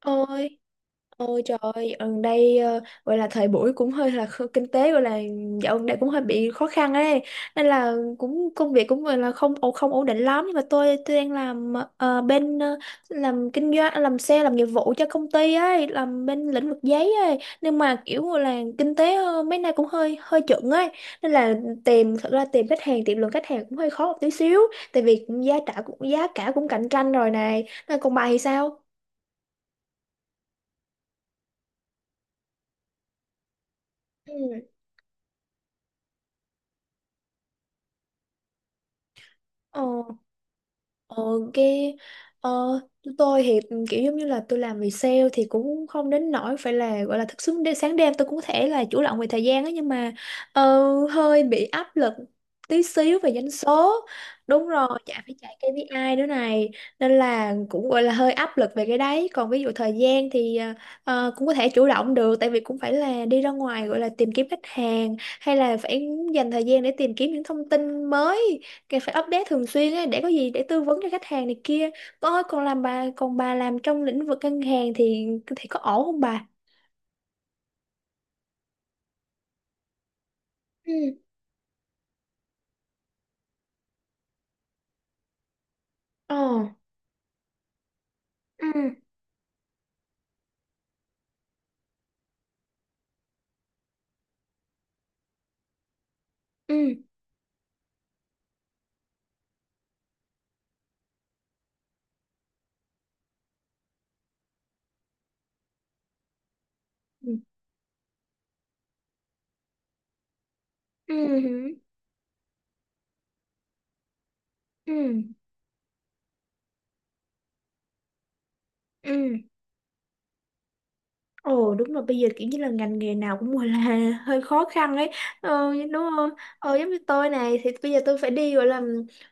Ôi, ôi trời ơi, gần đây, gọi là thời buổi cũng hơi là kinh tế gọi là dạo gần đây cũng hơi bị khó khăn ấy, nên là cũng công việc cũng gọi là không ổn định lắm, nhưng mà tôi đang làm bên làm kinh doanh, làm xe, làm nghiệp vụ cho công ty ấy, làm bên lĩnh vực giấy ấy, nhưng mà kiểu gọi là kinh tế mấy nay cũng hơi hơi chững ấy, nên là thật ra tìm khách hàng, tìm lượng khách hàng cũng hơi khó một tí xíu, tại vì giá cả cũng cạnh tranh rồi này, nên còn bà thì sao? Ừ. Ờ. Ờ, cái, ờ, tôi thì kiểu giống như là tôi làm về sale thì cũng không đến nỗi phải là gọi là thức xứng đến sáng đêm, tôi cũng có thể là chủ động về thời gian á, nhưng mà hơi bị áp lực tí xíu về doanh số. Đúng rồi, chả phải chạy KPI nữa này, nên là cũng gọi là hơi áp lực về cái đấy. Còn ví dụ thời gian thì cũng có thể chủ động được, tại vì cũng phải là đi ra ngoài gọi là tìm kiếm khách hàng, hay là phải dành thời gian để tìm kiếm những thông tin mới. Càng phải update thường xuyên ấy, để có gì để tư vấn cho khách hàng này kia. Con ơi, còn bà làm trong lĩnh vực ngân hàng thì có ổn không bà? Ừ. Ờ. Ừ. Ừ. Ừ. Ừ. Ừ. Ừ. Ồ đúng rồi, bây giờ kiểu như là ngành nghề nào cũng gọi là hơi khó khăn ấy, đúng không? Giống như tôi này thì bây giờ tôi phải đi gọi là,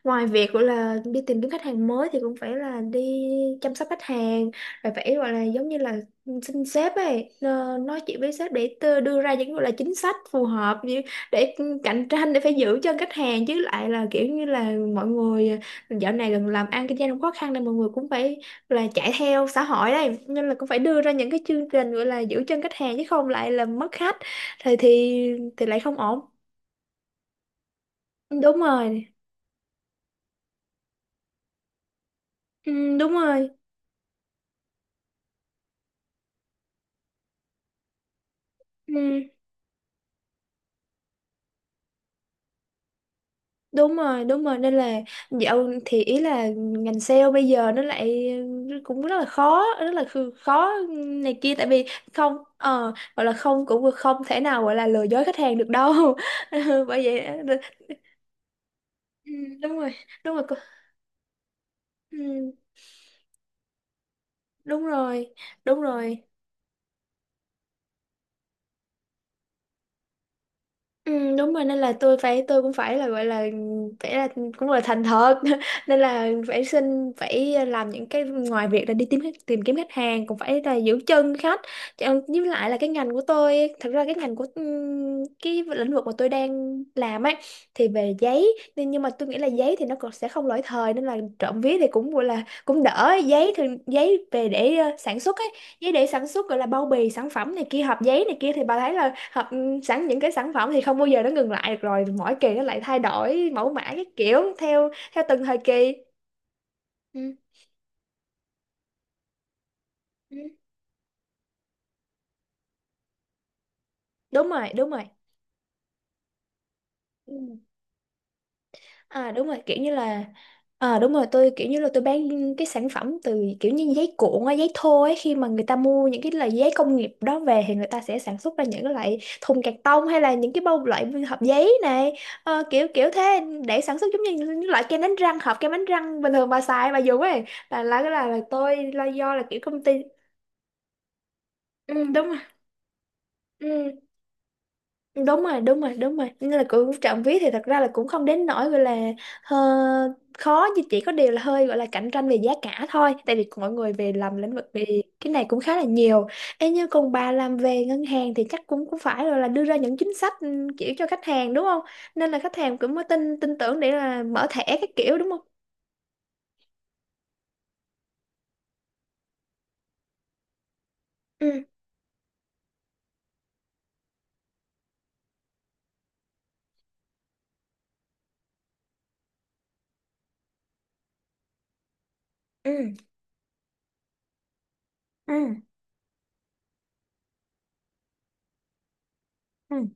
ngoài việc gọi là đi tìm kiếm khách hàng mới thì cũng phải là đi chăm sóc khách hàng, rồi phải gọi là giống như là xin sếp ấy, nói chuyện với sếp, đưa ra những gọi là chính sách phù hợp, để cạnh tranh, để phải giữ chân khách hàng, chứ lại là kiểu như là mọi người dạo này gần làm ăn kinh doanh cũng khó khăn nên mọi người cũng phải là chạy theo xã hội đây, nên là cũng phải đưa ra những cái chương trình gọi là giữ chân khách hàng chứ không lại là mất khách thì lại không ổn. Đúng rồi. Ừ, đúng rồi. Ừ, đúng rồi. Đúng rồi, nên là dạo thì ý là ngành sale bây giờ nó lại cũng rất là khó, rất là khó này kia, tại vì không, gọi là không, cũng không thể nào gọi là lừa dối khách hàng được đâu. Ừ, bởi vậy. Ừ, đúng rồi. Đúng rồi. Ừ, đúng rồi. Đúng rồi. Ừ, đúng rồi, nên là tôi cũng phải là gọi là phải là cũng là thành thật, nên là phải xin, phải làm những cái, ngoài việc là đi tìm kiếm khách hàng cũng phải là giữ chân khách. Với lại là cái ngành của tôi, thật ra cái ngành của cái lĩnh vực mà tôi đang làm ấy, thì về giấy nên, nhưng mà tôi nghĩ là giấy thì nó còn sẽ không lỗi thời, nên là trộm vía thì cũng gọi là cũng đỡ. Giấy thường, giấy về để sản xuất ấy, giấy để sản xuất gọi là bao bì sản phẩm này kia, hộp giấy này kia, thì bà thấy là hộp, sẵn những cái sản phẩm thì không bao giờ nó ngừng lại được, rồi mỗi kỳ nó lại thay đổi mẫu mã cái kiểu theo theo từng thời kỳ. Ừ. Ừ. Đúng rồi. Đúng rồi. Ừ. À đúng rồi, kiểu như là. Ờ đúng rồi, tôi kiểu như là tôi bán cái sản phẩm từ kiểu như giấy cuộn á, giấy thô ấy, khi mà người ta mua những cái loại giấy công nghiệp đó về thì người ta sẽ sản xuất ra những cái loại thùng cạc tông, hay là những cái bao, loại hộp giấy này. Ờ, kiểu kiểu thế, để sản xuất giống như những loại kem đánh răng, hộp kem đánh răng bình thường bà xài bà dùng ấy, là tôi là do là kiểu công ty. Ừ, đúng rồi. Ừ, đúng rồi. Đúng rồi. Đúng rồi, nên là cũng trộm vía thì thật ra là cũng không đến nỗi gọi là ờ, khó, nhưng chỉ có điều là hơi gọi là cạnh tranh về giá cả thôi, tại vì mọi người về làm lĩnh vực về cái này cũng khá là nhiều. Ê, như còn bà làm về ngân hàng thì chắc cũng cũng phải rồi là đưa ra những chính sách, kiểu cho khách hàng, đúng không? Nên là khách hàng cũng mới tin tin tưởng để là mở thẻ cái kiểu, đúng không? Ừ, ừ, ừ, ừ.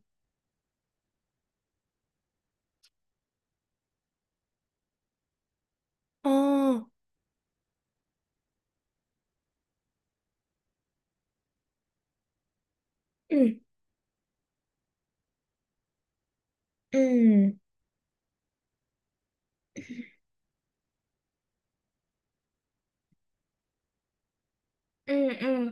Ờ, ừ, ừ, ừ, ừ,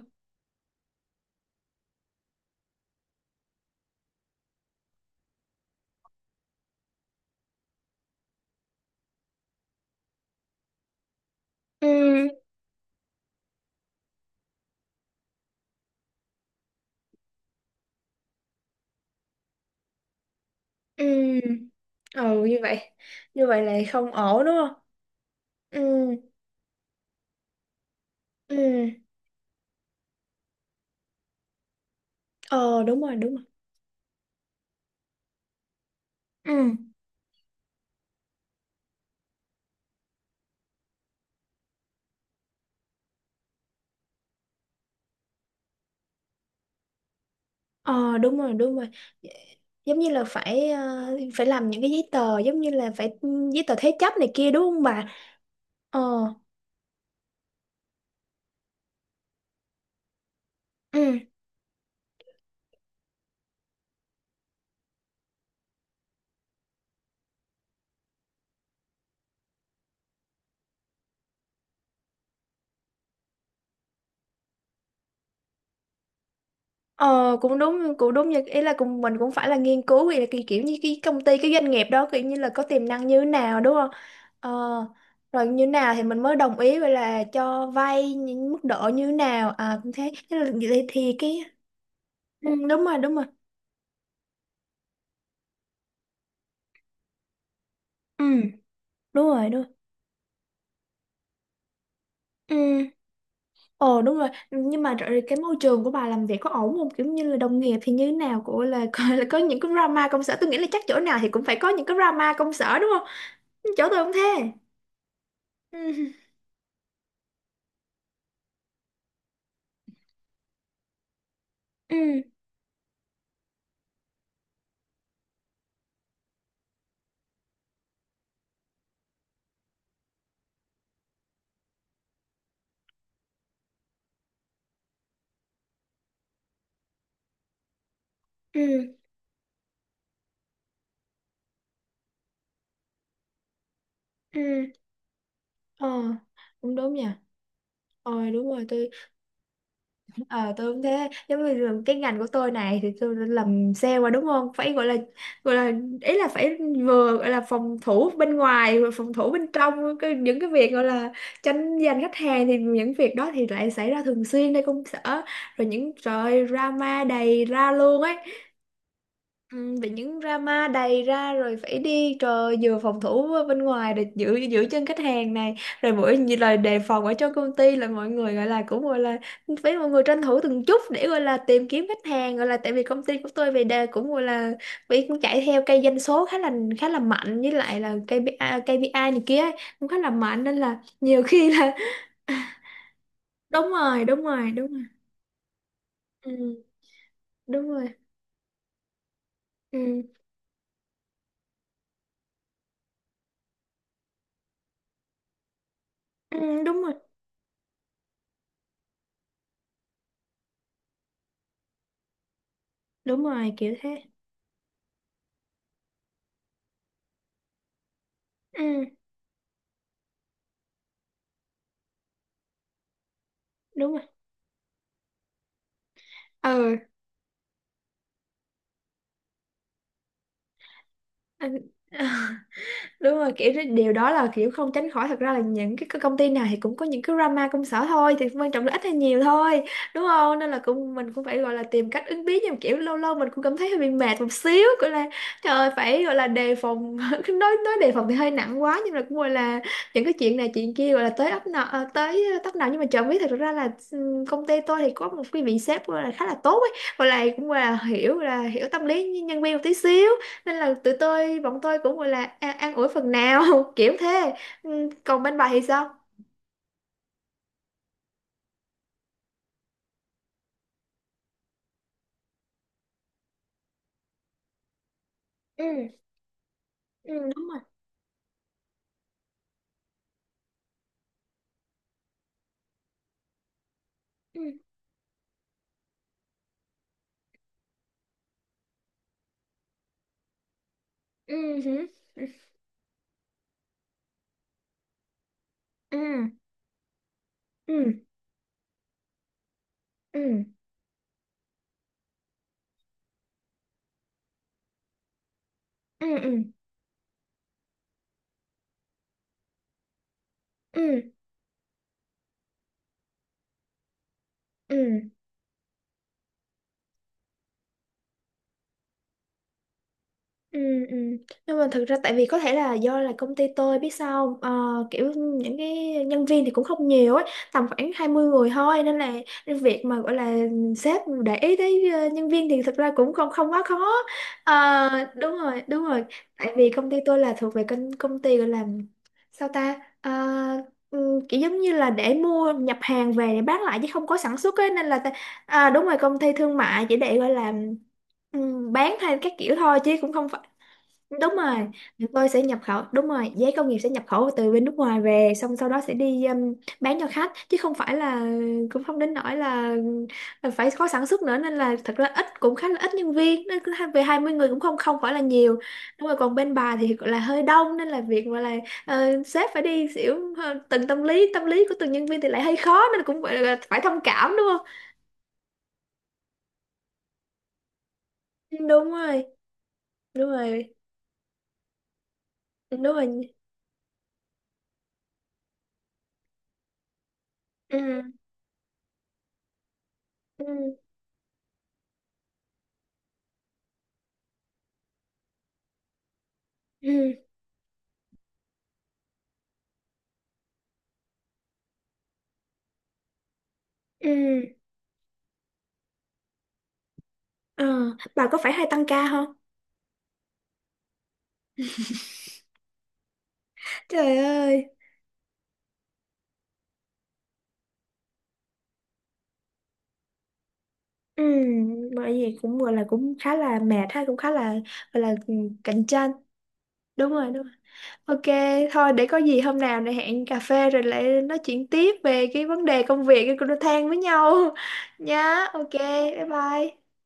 ừ. Ừ. Ừ như vậy. Như vậy là không ổn đúng không? Ừ. Ừ. Ờ đúng rồi, đúng rồi. Ừ. Ờ đúng rồi, đúng rồi. Dạ, giống như là phải, phải làm những cái giấy tờ giống như là giấy tờ thế chấp này kia đúng không bà? Ờ. Ừ. Ờ cũng đúng, cũng đúng, như ý là cùng mình cũng phải là nghiên cứu vậy là cái kiểu như cái công ty, cái doanh nghiệp đó kiểu như là có tiềm năng như thế nào đúng không? Ờ, rồi như thế nào thì mình mới đồng ý vậy là cho vay những mức độ như thế nào. À cũng thế, thế là vậy thì cái. Ừ, đúng rồi. Đúng rồi. Ừ, đúng rồi. Đúng rồi. Ừ. Ồ đúng rồi, nhưng mà rồi cái môi trường của bà làm việc có ổn không, kiểu như là đồng nghiệp thì như thế nào của là, là có những cái drama công sở, tôi nghĩ là chắc chỗ nào thì cũng phải có những cái drama công sở đúng không? Chỗ tôi không thế. Ừ, ừ, ừ, ừ. Ờ, cũng đúng nha. Ờ, đúng rồi tôi, ờ tôi cũng thế, giống như là cái ngành của tôi này thì tôi đã làm sale mà đúng không, phải gọi là, gọi là ý là phải vừa gọi là phòng thủ bên ngoài, vừa phòng thủ bên trong cái, những cái việc gọi là tranh giành khách hàng thì những việc đó thì lại xảy ra thường xuyên nơi công sở, rồi những, trời ơi, drama đầy ra luôn ấy. Ừ, bị những drama đầy ra rồi phải đi, trời, vừa phòng thủ bên ngoài để giữ giữ chân khách hàng này, rồi mỗi như lời đề phòng ở trong công ty là mọi người gọi là, cũng gọi là, phải mọi người tranh thủ từng chút để gọi là tìm kiếm khách hàng, gọi là tại vì công ty của tôi về đề cũng gọi là bị, cũng chạy theo cây doanh số khá là mạnh, với lại là KPI KPI này kia ấy, cũng khá là mạnh nên là nhiều khi là. Đúng rồi. Đúng rồi. Đúng rồi. Ừ, đúng rồi. Ừ. Ừ, đúng rồi. Đúng rồi, kiểu thế. Ừ, đúng rồi. Ừ. Anh- Đúng rồi, kiểu cái điều đó là kiểu không tránh khỏi, thật ra là những cái, công ty nào thì cũng có những cái drama công sở thôi, thì quan trọng là ít hay nhiều thôi, đúng không? Nên là cũng mình cũng phải gọi là tìm cách ứng biến, nhưng mà kiểu lâu lâu mình cũng cảm thấy hơi bị mệt một xíu, gọi là trời ơi, phải gọi là đề phòng. Nói đề phòng thì hơi nặng quá, nhưng mà cũng gọi là những cái chuyện này chuyện kia gọi là tới ấp nào, tới tấp nào, nhưng mà chẳng biết thật ra là, công ty tôi thì có một cái vị sếp gọi là khá là tốt ấy, gọi là, cũng gọi là, hiểu là hiểu tâm lý nhân viên một tí xíu, nên là tụi tôi bọn tôi cũng gọi là an ủi phần nào. Kiểu thế. Ừ, còn bên bà thì sao? Ừ. Ừ, đúng rồi. Ừ. Ừ. Hử, ừ, ừ, ừ, ừ, ừ, ừ, ừ. Ừ, ừ. Nhưng mà thực ra tại vì có thể là do là công ty tôi biết sao không? Ờ, kiểu những cái nhân viên thì cũng không nhiều ấy, tầm khoảng 20 người thôi, nên là cái việc mà gọi là sếp để ý tới, nhân viên thì thực ra cũng không không quá khó. Ờ, đúng rồi. Đúng rồi, tại vì công ty tôi là thuộc về công công ty gọi là, sao ta. Ờ, ừ, kiểu giống như là để mua nhập hàng về để bán lại chứ không có sản xuất ấy nên là à, đúng rồi, công ty thương mại chỉ để gọi là, bán hay các kiểu thôi chứ cũng không phải. Đúng rồi, tôi sẽ nhập khẩu. Đúng rồi, giấy công nghiệp sẽ nhập khẩu từ bên nước ngoài về, xong sau đó sẽ đi, bán cho khách chứ không phải là, cũng không đến nỗi là phải có sản xuất nữa, nên là thật ra cũng khá là ít nhân viên, nên cứ về 20 người cũng không không phải là nhiều. Đúng rồi, còn bên bà thì gọi là hơi đông, nên là việc mà là, sếp phải đi xỉu, từng tâm lý của từng nhân viên thì lại hơi khó nên cũng gọi là phải thông cảm, đúng không? Đúng rồi. Đúng rồi. Đúng rồi. Ừ, ừ, ừ, ừ. Ờ, bà có phải hay tăng ca không? Trời ơi. Ừ, bởi vì cũng gọi là cũng khá là mệt ha, cũng khá là, gọi là, cạnh tranh. Đúng rồi, đúng rồi. Ok, thôi để có gì hôm nào này hẹn cà phê rồi lại nói chuyện tiếp về cái vấn đề công việc cái cô than với nhau. Nhá. Ok, bye bye.